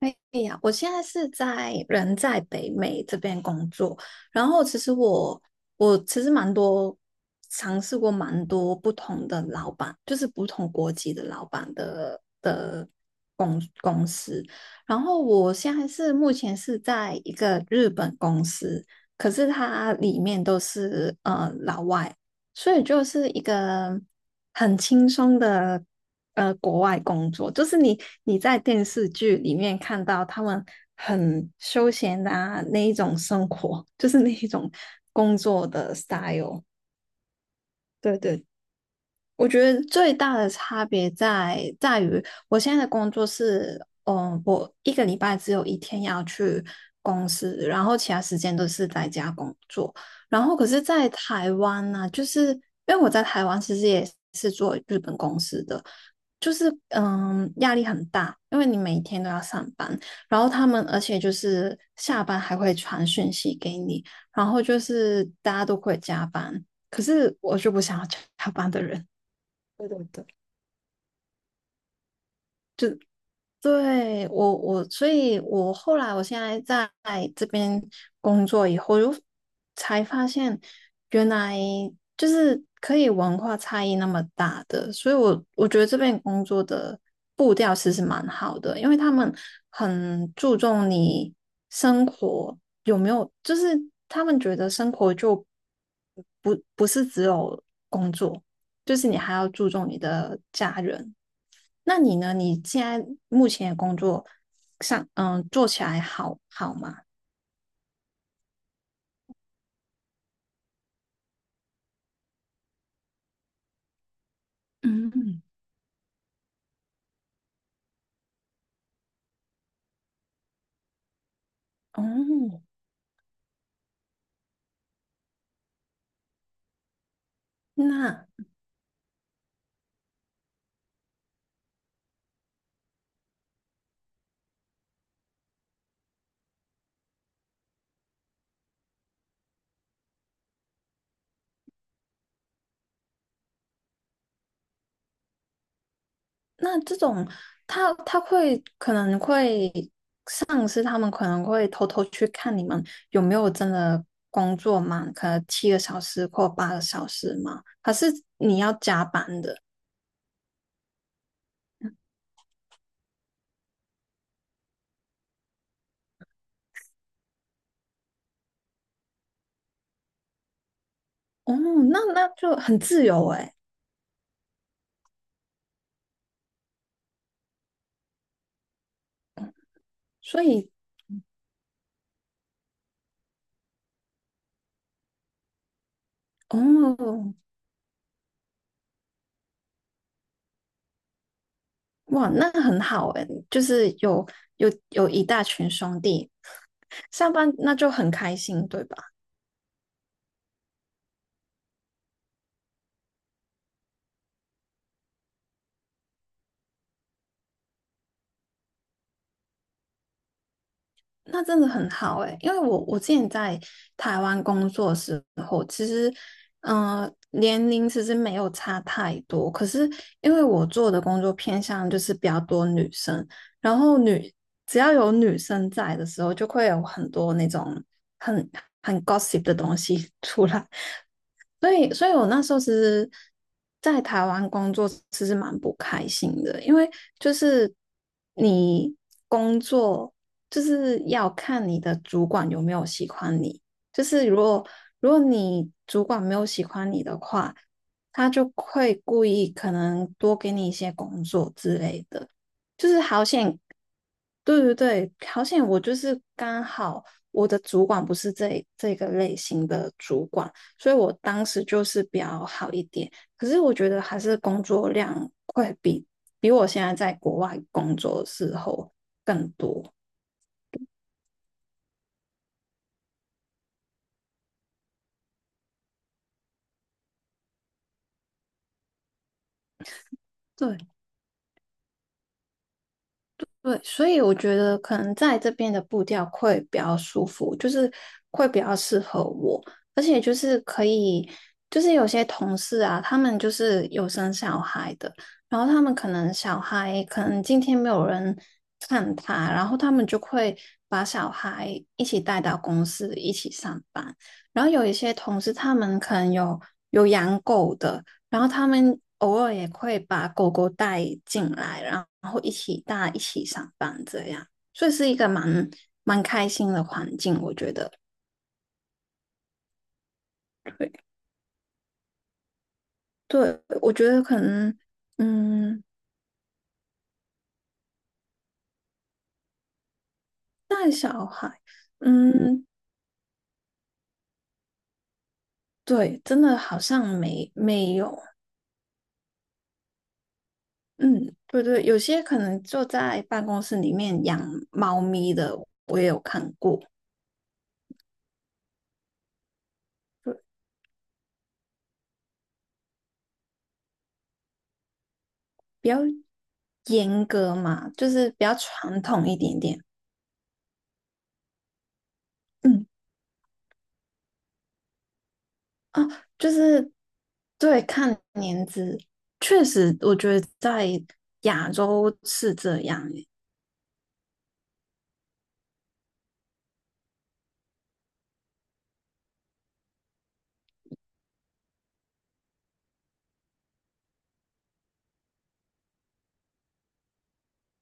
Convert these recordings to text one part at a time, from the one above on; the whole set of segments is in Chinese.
哎呀，我现在人在北美这边工作，然后其实我我其实蛮多尝试过蛮多不同的老板，就是不同国籍的老板的公司，然后我现在是目前是在一个日本公司，可是它里面都是老外，所以就是一个很轻松的国外工作，就是你在电视剧里面看到他们很休闲的啊那一种生活，就是那一种工作。对对，我觉得最大的差别在于，我现在的工作是，我一个礼拜只有一天要去公司，然后其他时间都是在家工作。然后可是，在台湾呢、就是因为我在台湾其实也是做日本公司的，就是压力很大，因为你每天都要上班，然后他们而且就是下班还会传讯息给你，然后就是大家都会加班，可是我就不想要加班的人。对对对。就对，我，所以我后来我现在在这边工作以后，就才发现原来就是可以文化差异那么大的，所以我觉得这边工作的步调其实蛮好的，因为他们很注重你生活有没有，就是他们觉得生活就不是只有工作，就是你还要注重你的家人。那你呢？你现在目前的工作上，做起来好吗？嗯。哦，那那这种，他他会可能会上司他们可能会偷偷去看你们有没有真的工作满，可能7个小时或8个小时嘛？还是你要加班的？哦，那就很自由诶，所以哦，哇，那很好诶，就是有一大群兄弟上班那就很开心，对吧？那真的很好诶，欸因为我之前在台湾工作的时候，其实，年龄其实没有差太多，可是因为我做的工作偏向就是比较多女生，然后只要有女生在的时候，就会有很多那种很很 gossip 的东西 出来，所以我那时候其实，在台湾工作其实蛮不开心的，因为就是你工作就是要看你的主管有没有喜欢你，就是如果你主管没有喜欢你的话，他就会故意可能多给你一些工作之类的，就是好险，对对对，好险我就是刚好我的主管不是这个类型的主管。所以我当时就是比较好一点。可是我觉得还是工作量会比我现在在国外工作的时候更多。对，对，所以我觉得可能在这边的步调会比较舒服，就是会比较适合我，而且就是可以，就是有些同事啊，他们就是有生小孩的，然后他们可能小孩可能今天没有人看他，然后他们就会把小孩一起带到公司一起上班，然后有一些同事他们可能有养狗的。然后他们偶尔也会把狗狗带进来，然后一起大家一起上班这样，所以是一个蛮开心的环境，我觉得。对，我觉得可能，嗯，带小孩，嗯，对，真的好像没有，嗯，对对，有些可能就在办公室里面养猫咪的，我也有看过，对，比较严格嘛，就是比较传统一点点。嗯。啊，就是对，看年资，确实，我觉得在亚洲是这样诶。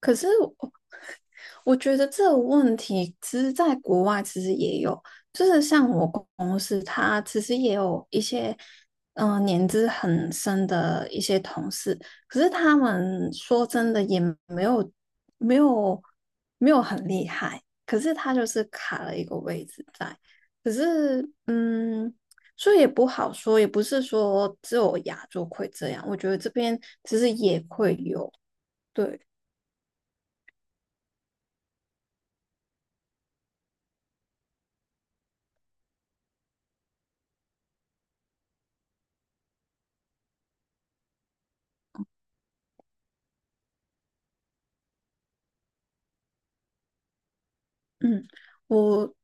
可是我觉得这个问题其实在国外其实也有，就是像我公司，他其实也有一些年资很深的一些同事，可是他们说真的也没有没有没有很厉害，可是他就是卡了一个位置在，可是所以也不好说，也不是说只有亚洲会这样，我觉得这边其实也会有，对，嗯。我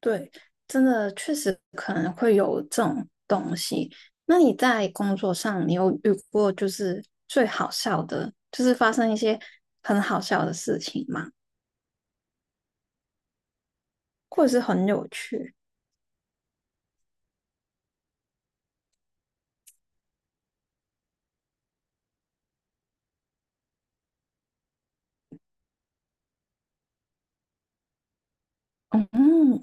对，真的确实可能会有这种东西。那你在工作上，你有遇过就是最好笑的，就是发生一些很好笑的事情吗？或者是很有趣？嗯。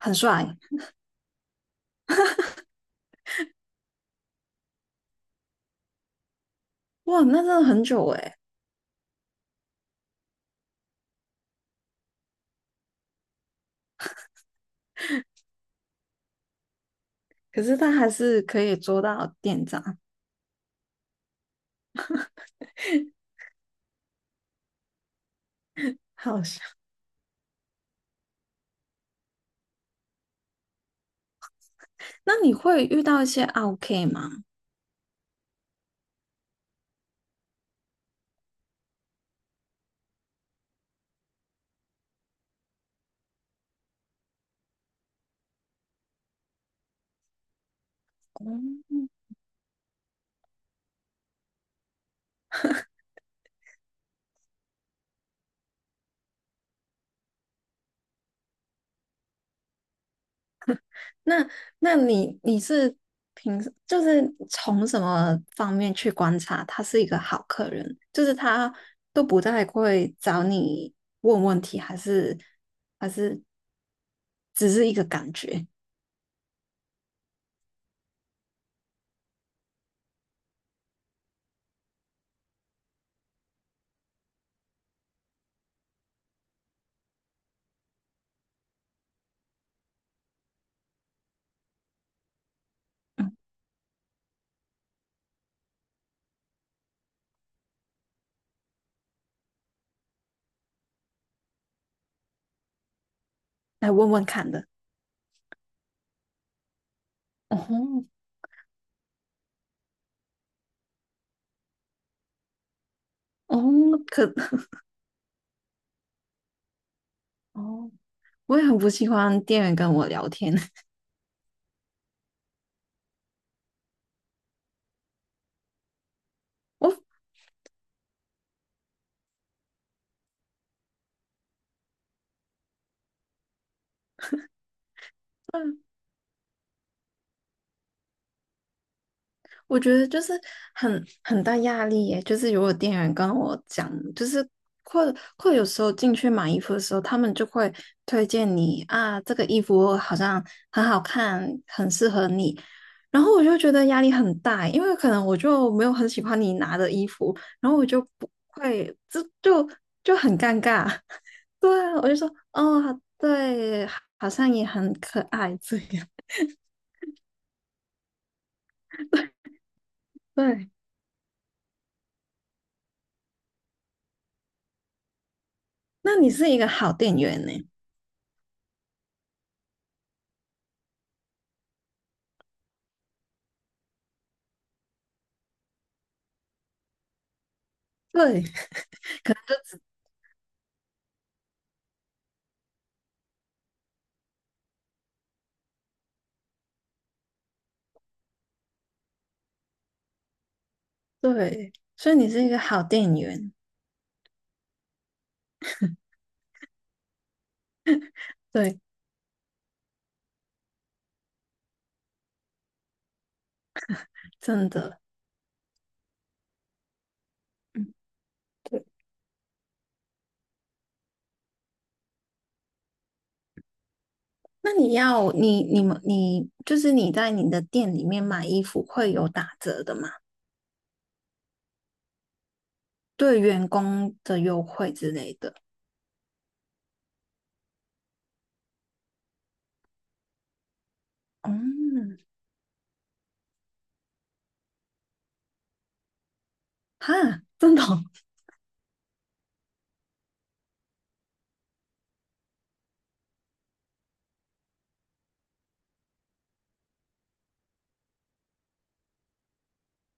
很帅。哇，那真的很久诶。可是他还是可以捉到店长，好笑。那你会遇到一些 OK 吗？哦，那那你是凭时就是从什么方面去观察他是一个好客人？就是他都不太会找你问问题，还是只是一个感觉来问问看的？哦哦，可 哦，我也很不喜欢店员跟我聊天。我我觉得就是很大压力耶，就是如果店员跟我讲，就是会会有时候进去买衣服的时候，他们就会推荐你啊，这个衣服好像很好看，很适合你，然后我就觉得压力很大，因为可能我就没有很喜欢你拿的衣服，然后我就不会，这就很尴尬。对啊，我就说哦，好对，好像也很可爱这样。对，那你是一个好店员呢。对。对，所以你是一个好店员，对，真的。嗯，对，那你就是你在你的店里面买衣服会有打折的吗？对员工的优惠之类的。嗯，哈，真的哦，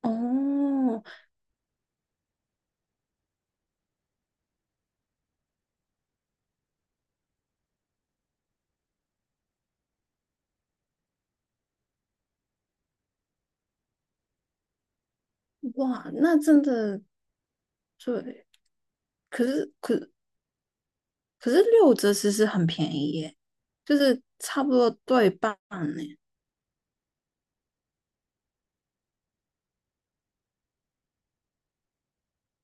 哦哇，那真的对。可是可可是六折其实很便宜耶，就是差不多对半呢，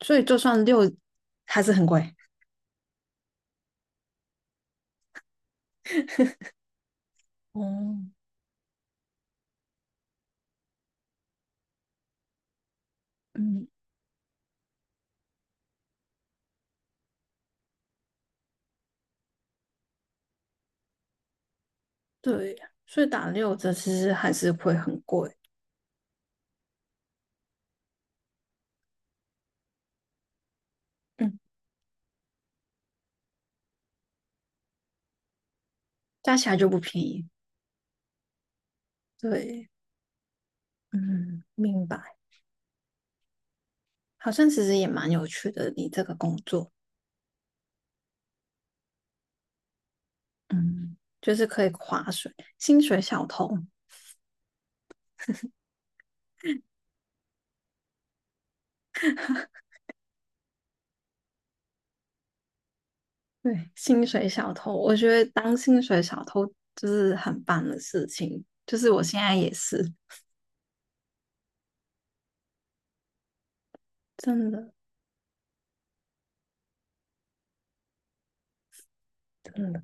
所以就算还是很贵。哦，嗯对，所以打六折其实还是会很贵，嗯，加起来就不便宜。对，嗯，明白。好像其实也蛮有趣的，你这个工作，嗯，就是可以划水，薪水小偷。对，薪水小偷，我觉得当薪水小偷就是很棒的事情，就是我现在也是，真的，真的，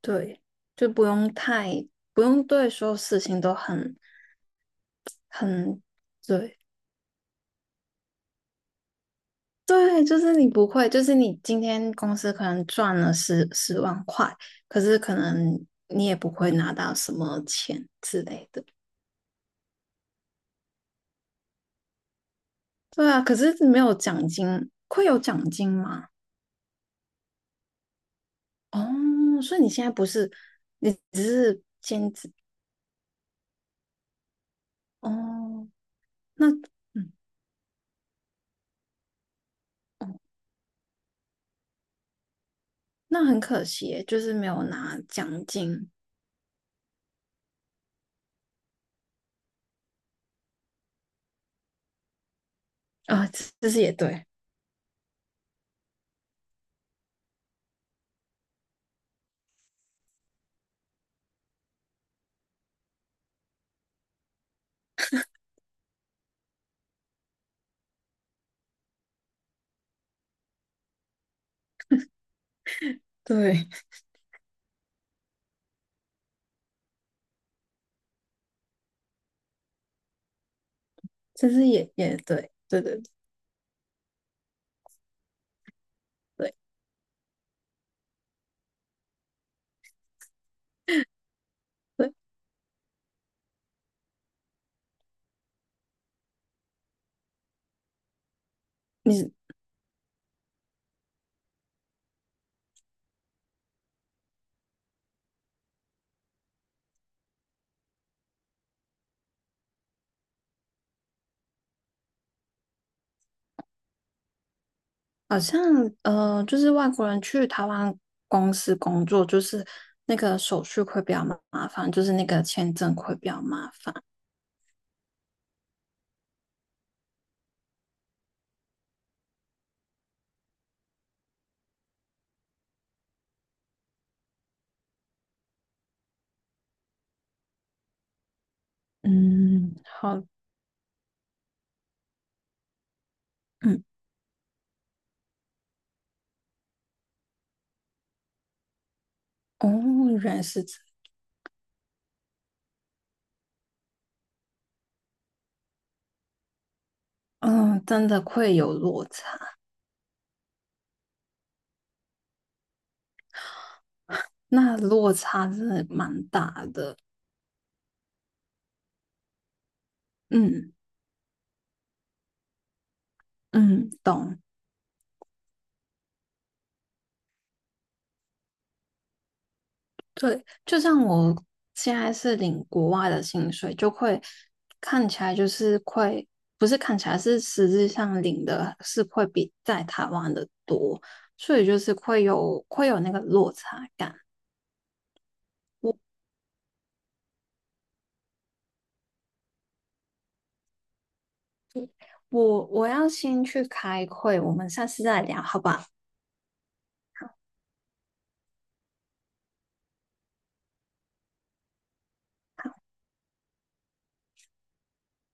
对，就不用太，不用对所有事情都很，很，对，对，就是你不会，就是你今天公司可能赚了十万块，可是可能你也不会拿到什么钱之类的。对啊，可是没有奖金，会有奖金吗？哦，所以你现在不是，你只是兼职哦。那嗯，哦，那很可惜耶就是没有拿奖金啊。这是也对，对，这是也对，对对对对。你。好像就是外国人去台湾公司工作，就是那个手续会比较麻烦，就是那个签证会比较麻烦。嗯，好，嗯，哦，原来是这，嗯，真的会有落差，那落差真的蛮大的。嗯嗯，懂。对，就像我现在是领国外的薪水，就会看起来就是会，不是看起来是实质上领的是会比在台湾的多，所以就是会有会有那个落差感。我我要先去开会，我们下次再聊，好吧？